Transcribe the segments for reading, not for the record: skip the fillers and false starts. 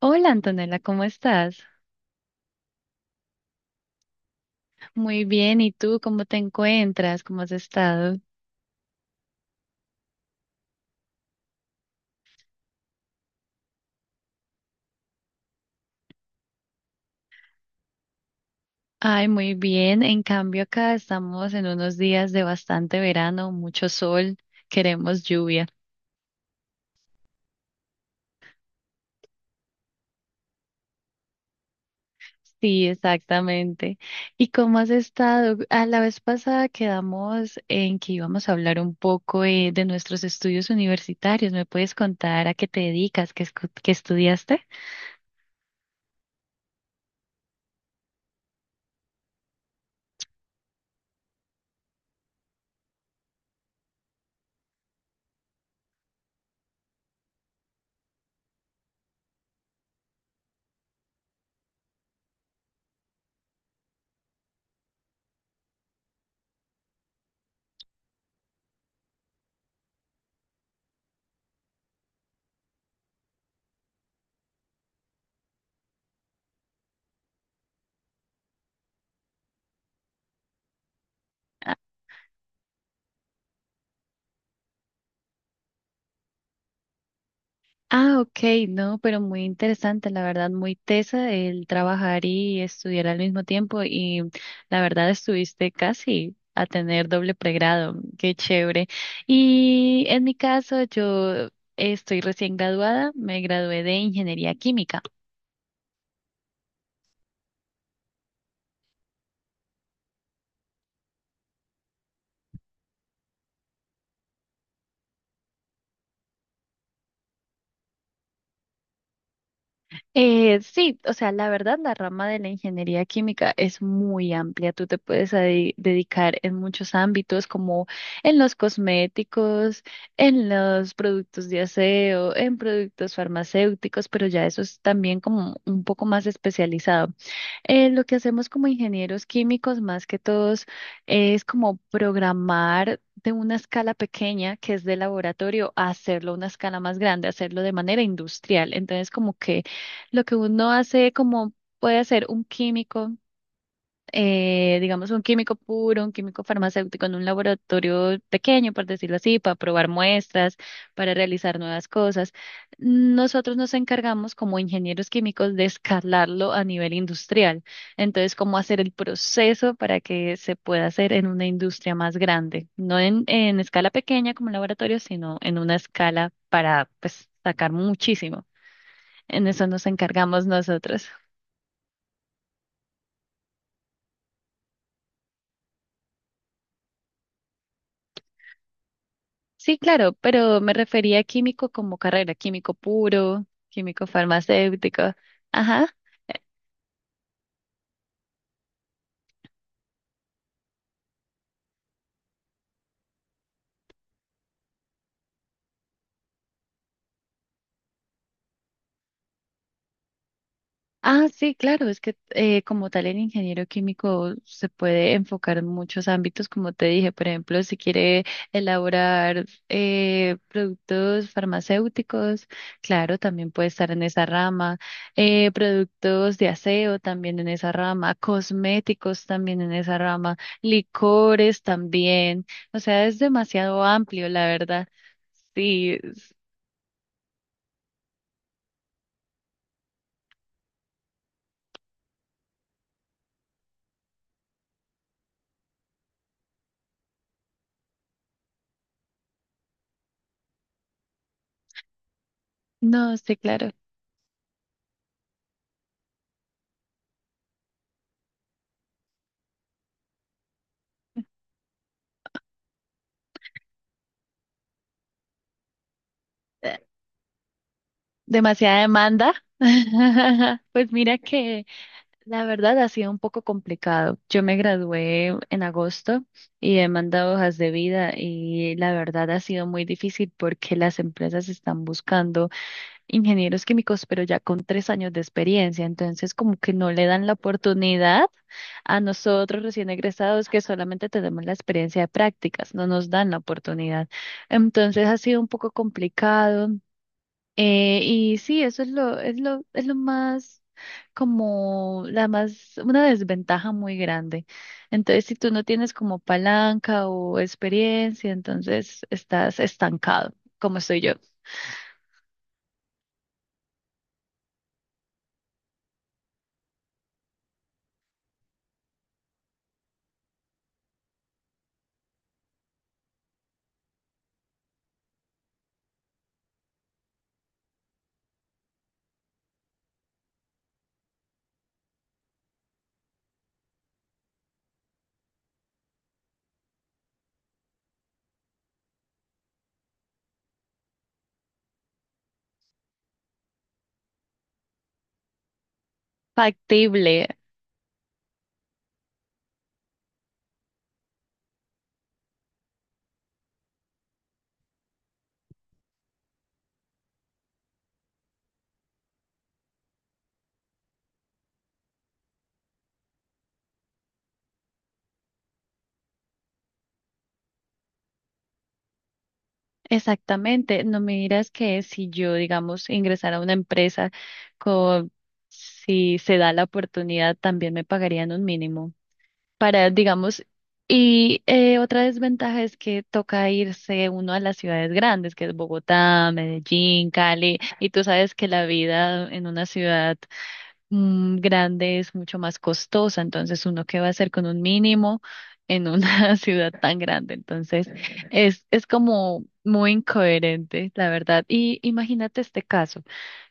Hola, Antonella, ¿cómo estás? Muy bien, ¿y tú cómo te encuentras? ¿Cómo has estado? Ay, muy bien. En cambio, acá estamos en unos días de bastante verano, mucho sol, queremos lluvia. Sí, exactamente. ¿Y cómo has estado? A la vez pasada quedamos en que íbamos a hablar un poco de nuestros estudios universitarios. ¿Me puedes contar a qué te dedicas, qué, qué estudiaste? Ah, ok, no, pero muy interesante, la verdad, muy tesa el trabajar y estudiar al mismo tiempo y la verdad estuviste casi a tener doble pregrado, qué chévere. Y en mi caso, yo estoy recién graduada, me gradué de ingeniería química. Sí, o sea, la verdad, la rama de la ingeniería química es muy amplia. Tú te puedes dedicar en muchos ámbitos, como en los cosméticos, en los productos de aseo, en productos farmacéuticos, pero ya eso es también como un poco más especializado. Lo que hacemos como ingenieros químicos, más que todos, es como programar de una escala pequeña, que es de laboratorio, a hacerlo a una escala más grande, hacerlo de manera industrial. Entonces, como que lo que uno hace como puede hacer un químico, digamos un químico puro, un químico farmacéutico en un laboratorio pequeño, por decirlo así, para probar muestras, para realizar nuevas cosas. Nosotros nos encargamos como ingenieros químicos de escalarlo a nivel industrial. Entonces, cómo hacer el proceso para que se pueda hacer en una industria más grande, no en, en escala pequeña como un laboratorio, sino en una escala para pues sacar muchísimo. En eso nos encargamos nosotros. Sí, claro, pero me refería a químico como carrera, químico puro, químico farmacéutico. Ajá. Ah, sí, claro, es que como tal el ingeniero químico se puede enfocar en muchos ámbitos, como te dije, por ejemplo, si quiere elaborar productos farmacéuticos, claro, también puede estar en esa rama, productos de aseo también en esa rama, cosméticos también en esa rama, licores también, o sea, es demasiado amplio, la verdad. Sí, es- no, sí, claro. Demasiada demanda. Pues mira que la verdad ha sido un poco complicado. Yo me gradué en agosto y he mandado hojas de vida y la verdad ha sido muy difícil porque las empresas están buscando ingenieros químicos, pero ya con 3 años de experiencia. Entonces como que no le dan la oportunidad a nosotros recién egresados, que solamente tenemos la experiencia de prácticas, no nos dan la oportunidad. Entonces ha sido un poco complicado. Y sí, eso es lo más como una desventaja muy grande. Entonces, si tú no tienes como palanca o experiencia, entonces estás estancado, como soy yo. Factible, exactamente. No me dirás que si yo, digamos, ingresara a una empresa con, si se da la oportunidad, también me pagarían un mínimo. Para, digamos, y otra desventaja es que toca irse uno a las ciudades grandes, que es Bogotá, Medellín, Cali, y tú sabes que la vida en una ciudad grande es mucho más costosa, entonces uno qué va a hacer con un mínimo en una ciudad tan grande, entonces es como muy incoherente, la verdad. Y imagínate este caso,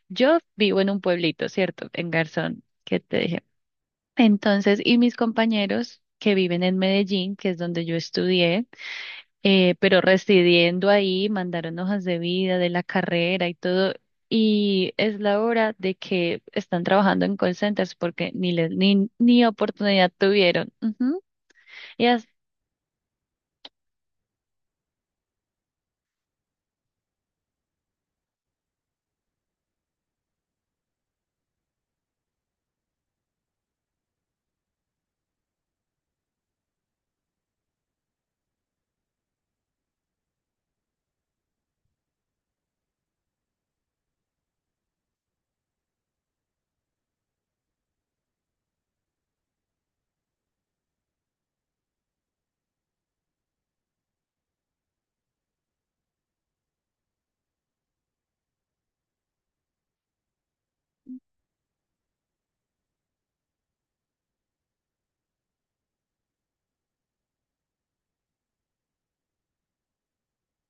yo vivo en un pueblito, ¿cierto? En Garzón, que te dije. Entonces, y mis compañeros que viven en Medellín, que es donde yo estudié, pero residiendo ahí, mandaron hojas de vida de la carrera y todo. Y es la hora de que están trabajando en call centers porque ni les, ni, ni oportunidad tuvieron. Ujú. Y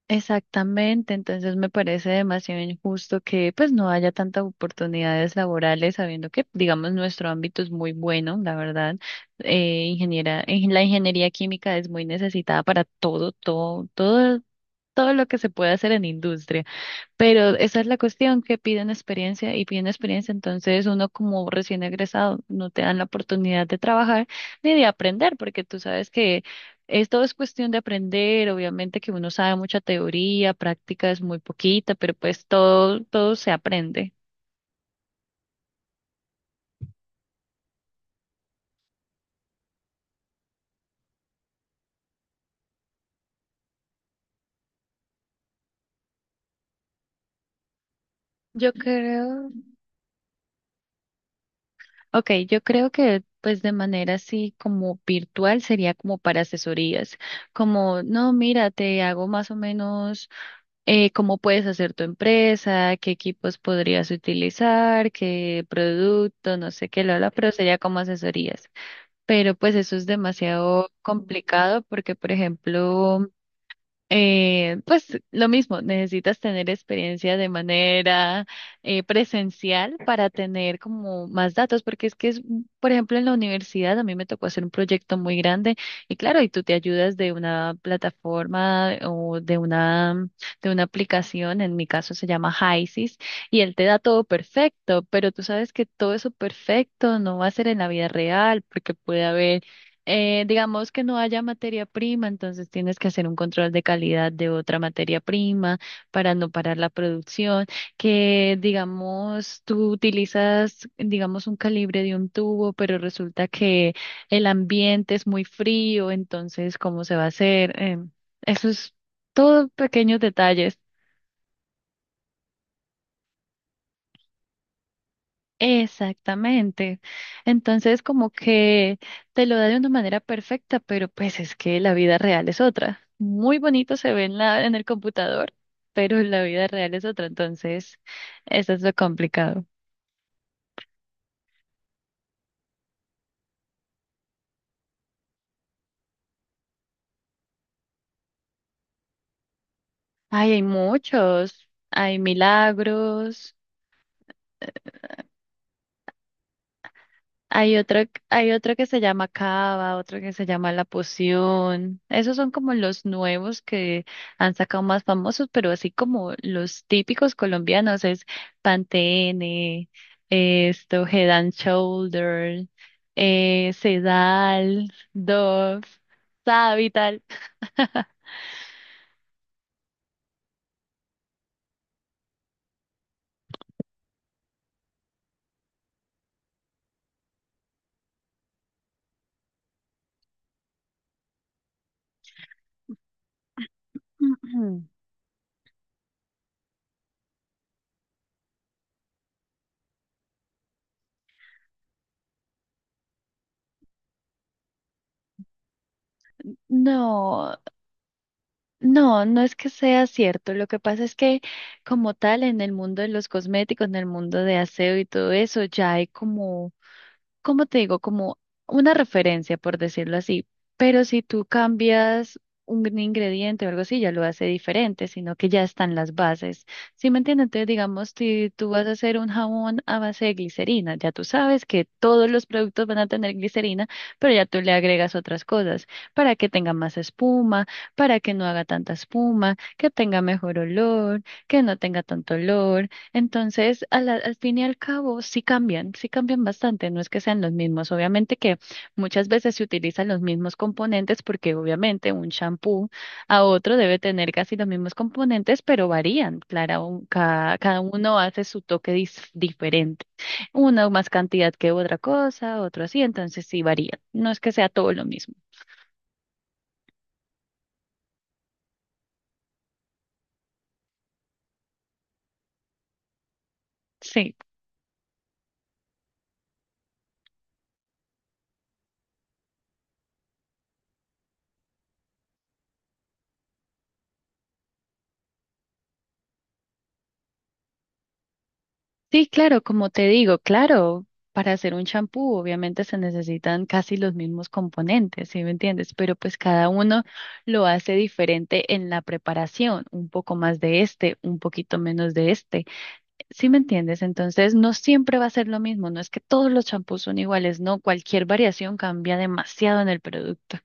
exactamente, entonces me parece demasiado injusto que pues no haya tantas oportunidades laborales, sabiendo que, digamos, nuestro ámbito es muy bueno, la verdad. En la ingeniería química es muy necesitada para todo, todo, todo, todo lo que se puede hacer en industria. Pero esa es la cuestión, que piden experiencia y piden experiencia, entonces uno como recién egresado no te dan la oportunidad de trabajar ni de aprender, porque tú sabes que es todo es cuestión de aprender, obviamente que uno sabe mucha teoría, práctica es muy poquita, pero pues todo, todo se aprende. Yo creo, ok, yo creo que pues de manera así como virtual sería como para asesorías, como no, mira, te hago más o menos cómo puedes hacer tu empresa, qué equipos podrías utilizar, qué producto, no sé qué, lo pero sería como asesorías. Pero pues eso es demasiado complicado porque, por ejemplo, pues lo mismo, necesitas tener experiencia de manera presencial para tener como más datos, porque es que es, un- por ejemplo, en la universidad a mí me tocó hacer un proyecto muy grande y claro, y tú te ayudas de una plataforma o de una aplicación, en mi caso se llama Hisis, y él te da todo perfecto, pero tú sabes que todo eso perfecto no va a ser en la vida real, porque puede haber digamos que no haya materia prima, entonces tienes que hacer un control de calidad de otra materia prima para no parar la producción, que digamos tú utilizas, digamos, un calibre de un tubo, pero resulta que el ambiente es muy frío, entonces, ¿cómo se va a hacer? Eso es todo pequeños detalles. Exactamente. Entonces, como que te lo da de una manera perfecta, pero pues es que la vida real es otra. Muy bonito se ve en la, en el computador, pero la vida real es otra. Entonces, eso es lo complicado. Ay, hay muchos. Hay Milagros. Hay otro, hay otro que se llama Cava, otro que se llama La Poción. Esos son como los nuevos que han sacado más famosos, pero así como los típicos colombianos es Pantene, esto, Head and Shoulder, Sedal, Dove, Savital. No. No, no es que sea cierto. Lo que pasa es que como tal en el mundo de los cosméticos, en el mundo de aseo y todo eso, ya hay como, como te digo, como una referencia, por decirlo así, pero si tú cambias un ingrediente o algo así, ya lo hace diferente, sino que ya están las bases. ¿Sí me entiendes? Entonces, digamos, si tú vas a hacer un jabón a base de glicerina, ya tú sabes que todos los productos van a tener glicerina, pero ya tú le agregas otras cosas para que tenga más espuma, para que no haga tanta espuma, que tenga mejor olor, que no tenga tanto olor. Entonces, al fin y al cabo, sí cambian bastante, no es que sean los mismos. Obviamente que muchas veces se utilizan los mismos componentes porque obviamente un shampoo a otro debe tener casi los mismos componentes, pero varían. Claro, cada, cada uno hace su toque diferente. Uno más cantidad que otra cosa, otro así, entonces sí varían. No es que sea todo lo mismo. Sí. Sí, claro, como te digo, claro, para hacer un champú obviamente se necesitan casi los mismos componentes, ¿sí me entiendes? Pero pues cada uno lo hace diferente en la preparación, un poco más de este, un poquito menos de este, ¿sí me entiendes? Entonces no siempre va a ser lo mismo, no es que todos los champús son iguales, no, cualquier variación cambia demasiado en el producto.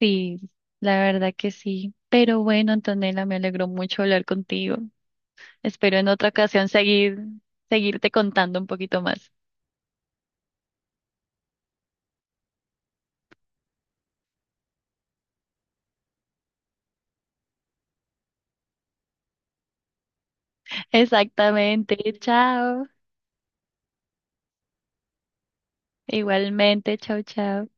Sí, la verdad que sí. Pero bueno, Antonella, me alegró mucho hablar contigo. Espero en otra ocasión seguir, seguirte contando un poquito más. Exactamente, chao. Igualmente, chao, chao.